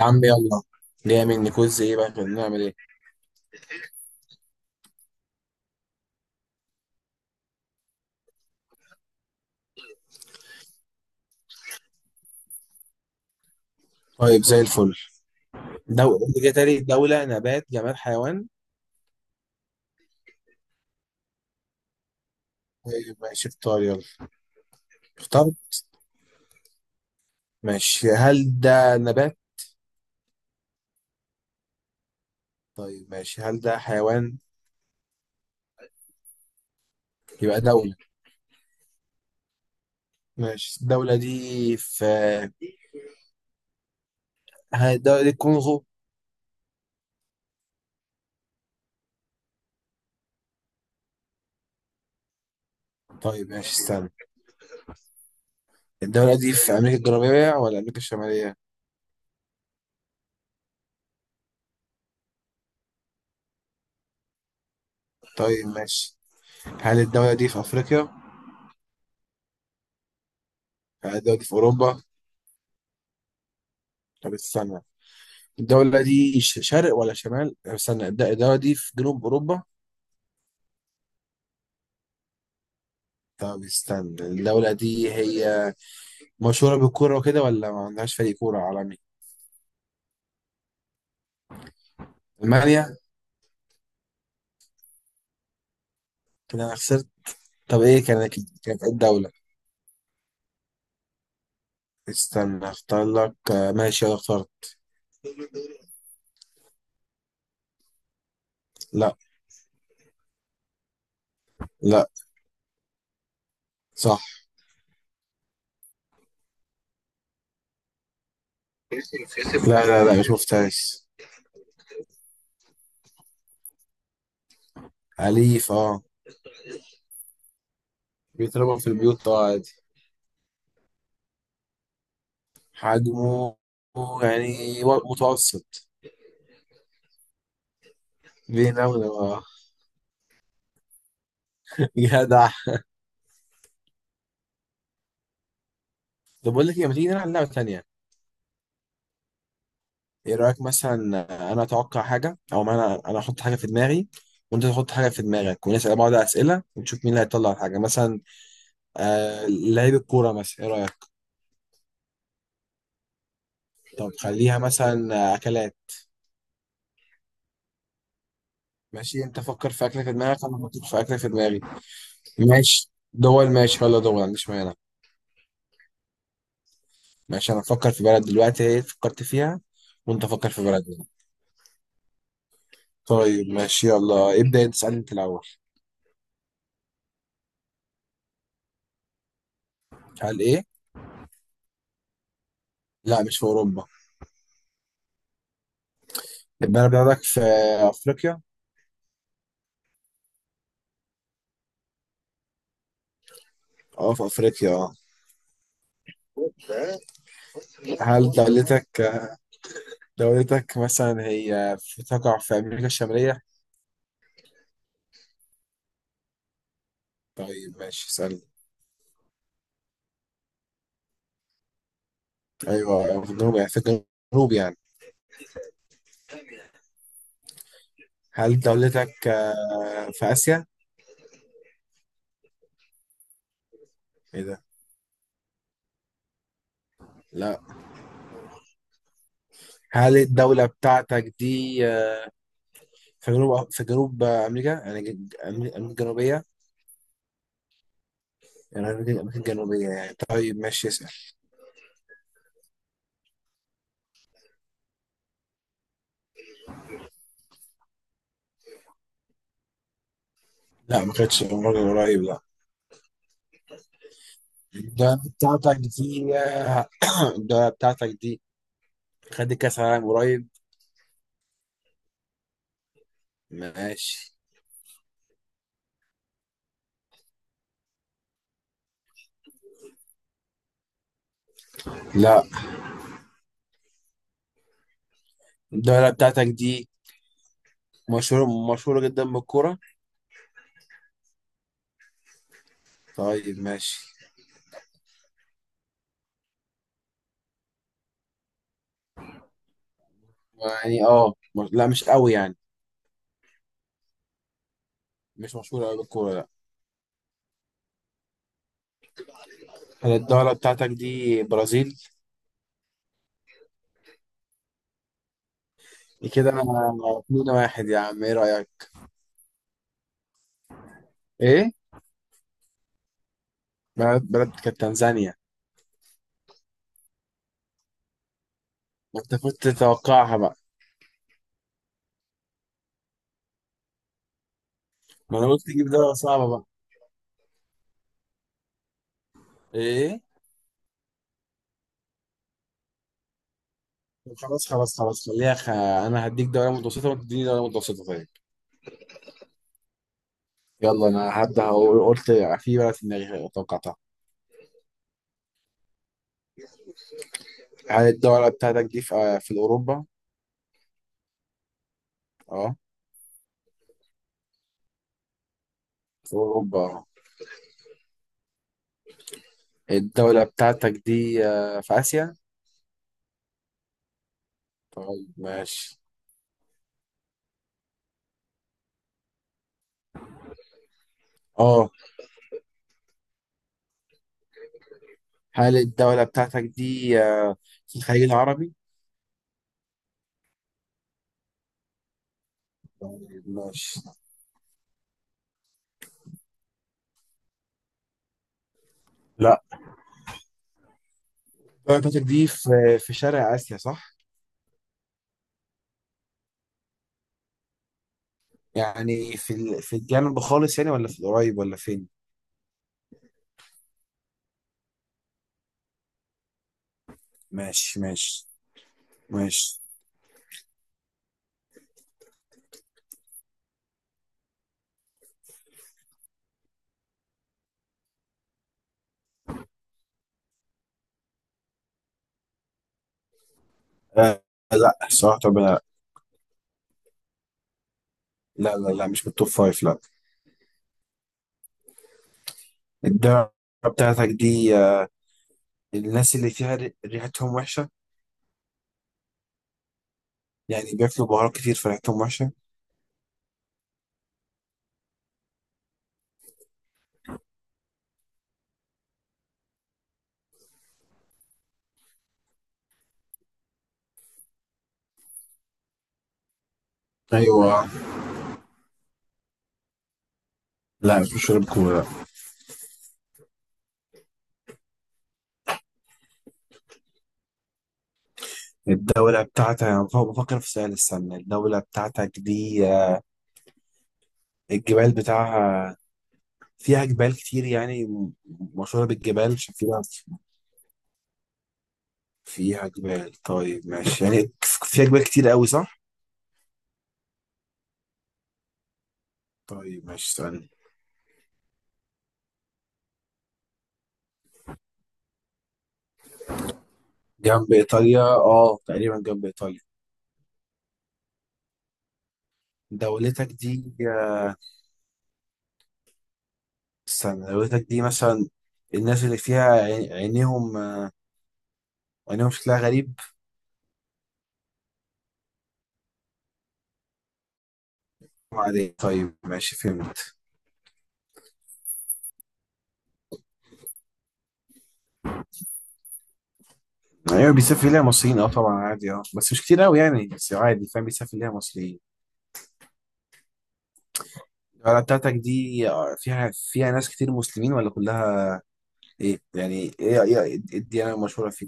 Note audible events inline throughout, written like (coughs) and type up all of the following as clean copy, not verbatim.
يا عم يلا. جاي مني كوز ايه بقى؟ كنا نعمل ايه؟ طيب زي الفل. دولة جتري، دولة نبات جماد حيوان. طيب ماشي اختار يلا. اختار. ماشي، هل ده نبات؟ طيب ماشي، هل ده حيوان؟ يبقى دولة. ماشي الدولة دي في، هل الدولة دي الكونغو؟ طيب ماشي استنى. الدولة دي في أمريكا الجنوبية ولا أمريكا الشمالية؟ طيب ماشي، هل الدولة دي في أفريقيا؟ هل الدولة دي في أوروبا؟ طب استنى، الدولة دي شرق ولا شمال؟ استنى، الدولة دي في جنوب أوروبا؟ طب استنى، الدولة دي هي مشهورة بالكورة وكده ولا ما عندهاش فريق كورة عالمي؟ ألمانيا؟ كده أنا خسرت. طب إيه كانت، كانت إيه الدولة؟ استنى أختار لك ماشي أنا اخترت. لا. لا صح لا، ما شفتهاش. أليف أه. بيتربى في البيوت أه عادي. حجمه يعني متوسط. بيناوله أه. (laughs) جدع. طب بقول لك إيه، ما تيجي نلعب لعبة تانية؟ ايه رايك مثلا، انا اتوقع حاجه او ما انا احط حاجه في دماغي، وانت تحط حاجه في دماغك، ونسال بعض اسئله ونشوف مين اللي هيطلع الحاجه. مثلا آه لعيب الكوره مثلا، ايه رايك؟ طب خليها مثلا اكلات. ماشي، انت فكر في اكله في دماغك، انا افكر في اكله في دماغي. ماشي دول، ماشي يلا دول ما عنديش مانع. ماشي، انا افكر في بلد دلوقتي، ايه فكرت فيها. وانت فكر في بلد. طيب ماشي يلا ابدا، انت اسالني انت الاول. هل ايه؟ لا مش في اوروبا. البلد بتاعتك في افريقيا؟ اه في افريقيا اه. هل دولتك، دولتك مثلا هي تقع في أمريكا الشمالية؟ طيب ماشي اسألني. أيوة في الجنوب يعني، في الجنوب يعني. هل دولتك في آسيا؟ إيه ده؟ لا. هل الدولة بتاعتك دي في جنوب، في جنوب أمريكا؟ يعني أمريكا، أمريكا الجنوبية؟ يعني أمريكا، أمريكا الجنوبية يعني. طيب ماشي اسأل. لا ما كانتش مرة قريب لا. الدولة بتاعتك دي (coughs) (clears throat) الدولة بتاعتك دي خدت كأس عالم قريب؟ ماشي. لا. الدولة بتاعتك دي مشهورة جدا بالكورة. طيب ماشي يعني. اه لا مش قوي يعني. مش مشهورة قوي بالكورة لا. هل الدولة بتاعتك دي برازيل؟ كده انا، اتنين واحد يا عم، ايه رأيك؟ ايه؟ بلد، بلد كانت تنزانيا. ما انت كنت تتوقعها بقى. ما انا قلت تجيب دولة صعبة بقى. ايه؟ طب خلاص خلاص خلاص خليها خ... انا هديك دولة متوسطة وانت تديني دولة متوسطة طيب. يلا انا هبدأ قلت في بلد في دماغي توقعتها. هل الدولة بتاعتك دي في, في اوروبا؟ اه اوروبا. الدولة بتاعتك دي في آسيا؟ ماشي. اه. هل الدولة بتاعتك دي في الخليج العربي؟ طيب، ماشي. لا. الدولة بتاعتك دي في، في شرق آسيا صح؟ يعني في في الجنوب خالص يعني، ولا في القريب ولا فين؟ ماشي ماشي ماشي. آه لا صراحة، طب لا. لا، مش من التوب فايف لا. الدولة بتاعتك دي الناس اللي فيها ريحتهم وحشة؟ يعني بياكلوا بهارات كتير فريحتهم وحشة. ايوه. لا مش بشرب كورة. الدولة بتاعتك، أنا بفكر في سؤال السنة. الدولة بتاعتك دي الجبال بتاعها، فيها جبال كتير يعني مشهورة بالجبال عشان فيها. فيها جبال طيب ماشي يعني. فيها جبال كتير قوي صح؟ طيب ماشي استنى. جنب إيطاليا اه، تقريبا جنب إيطاليا. دولتك دي استنى دولتك دي مثلا، الناس اللي فيها عينيهم عينيهم شكلها غريب. عادي طيب ماشي فهمت. ايوه بيسافر ليها مصريين اه طبعا عادي اه، بس مش كتير قوي يعني، بس عادي فاهم، بيسافر ليها مصريين. القلعه بتاعتك دي فيها، فيها ناس كتير مسلمين ولا كلها ايه يعني؟ ايه ايه الديانه المشهوره فيه؟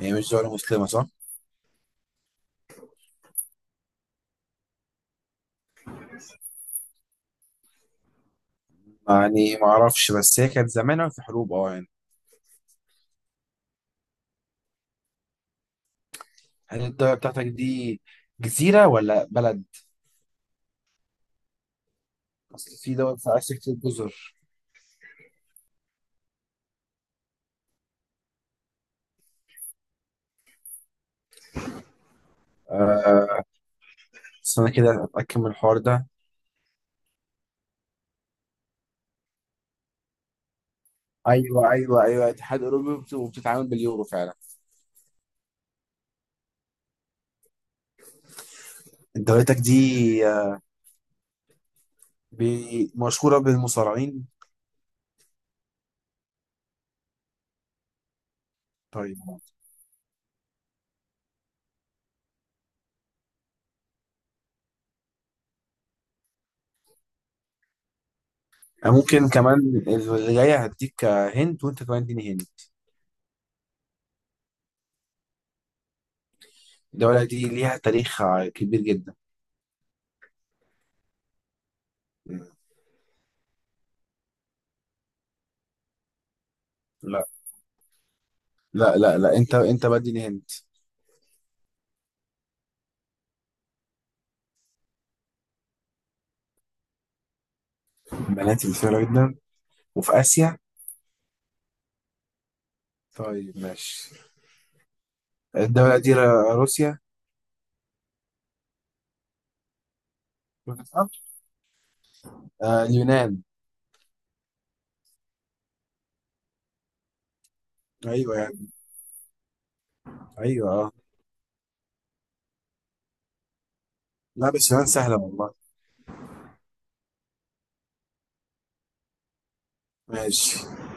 يعني مش دولة مسلمة صح؟ يعني ما اعرفش، بس هي كانت زمان أوي في حروب اه يعني. هل الدولة بتاعتك دي جزيرة ولا بلد؟ اصل في دول في آسيا كتير جزر. آه استنى كده اتأكد من الحوار ده. ايوه ايوه ايوه اتحاد اوروبي وبتتعامل باليورو فعلا. دولتك دي مشهورة بالمصارعين. طيب ممكن كمان، اللي جاية هديك هنت، وانت كمان اديني هنت. الدولة دي ليها تاريخ كبير جدا. لا لا، انت انت بديني هنت. بنات كتيرة جدا، وفي آسيا. طيب ماشي. الدولة دي روسيا؟ آه اليونان. ايوه يعني، ايوه اه. لا بس اليونان سهلة والله. ماشي.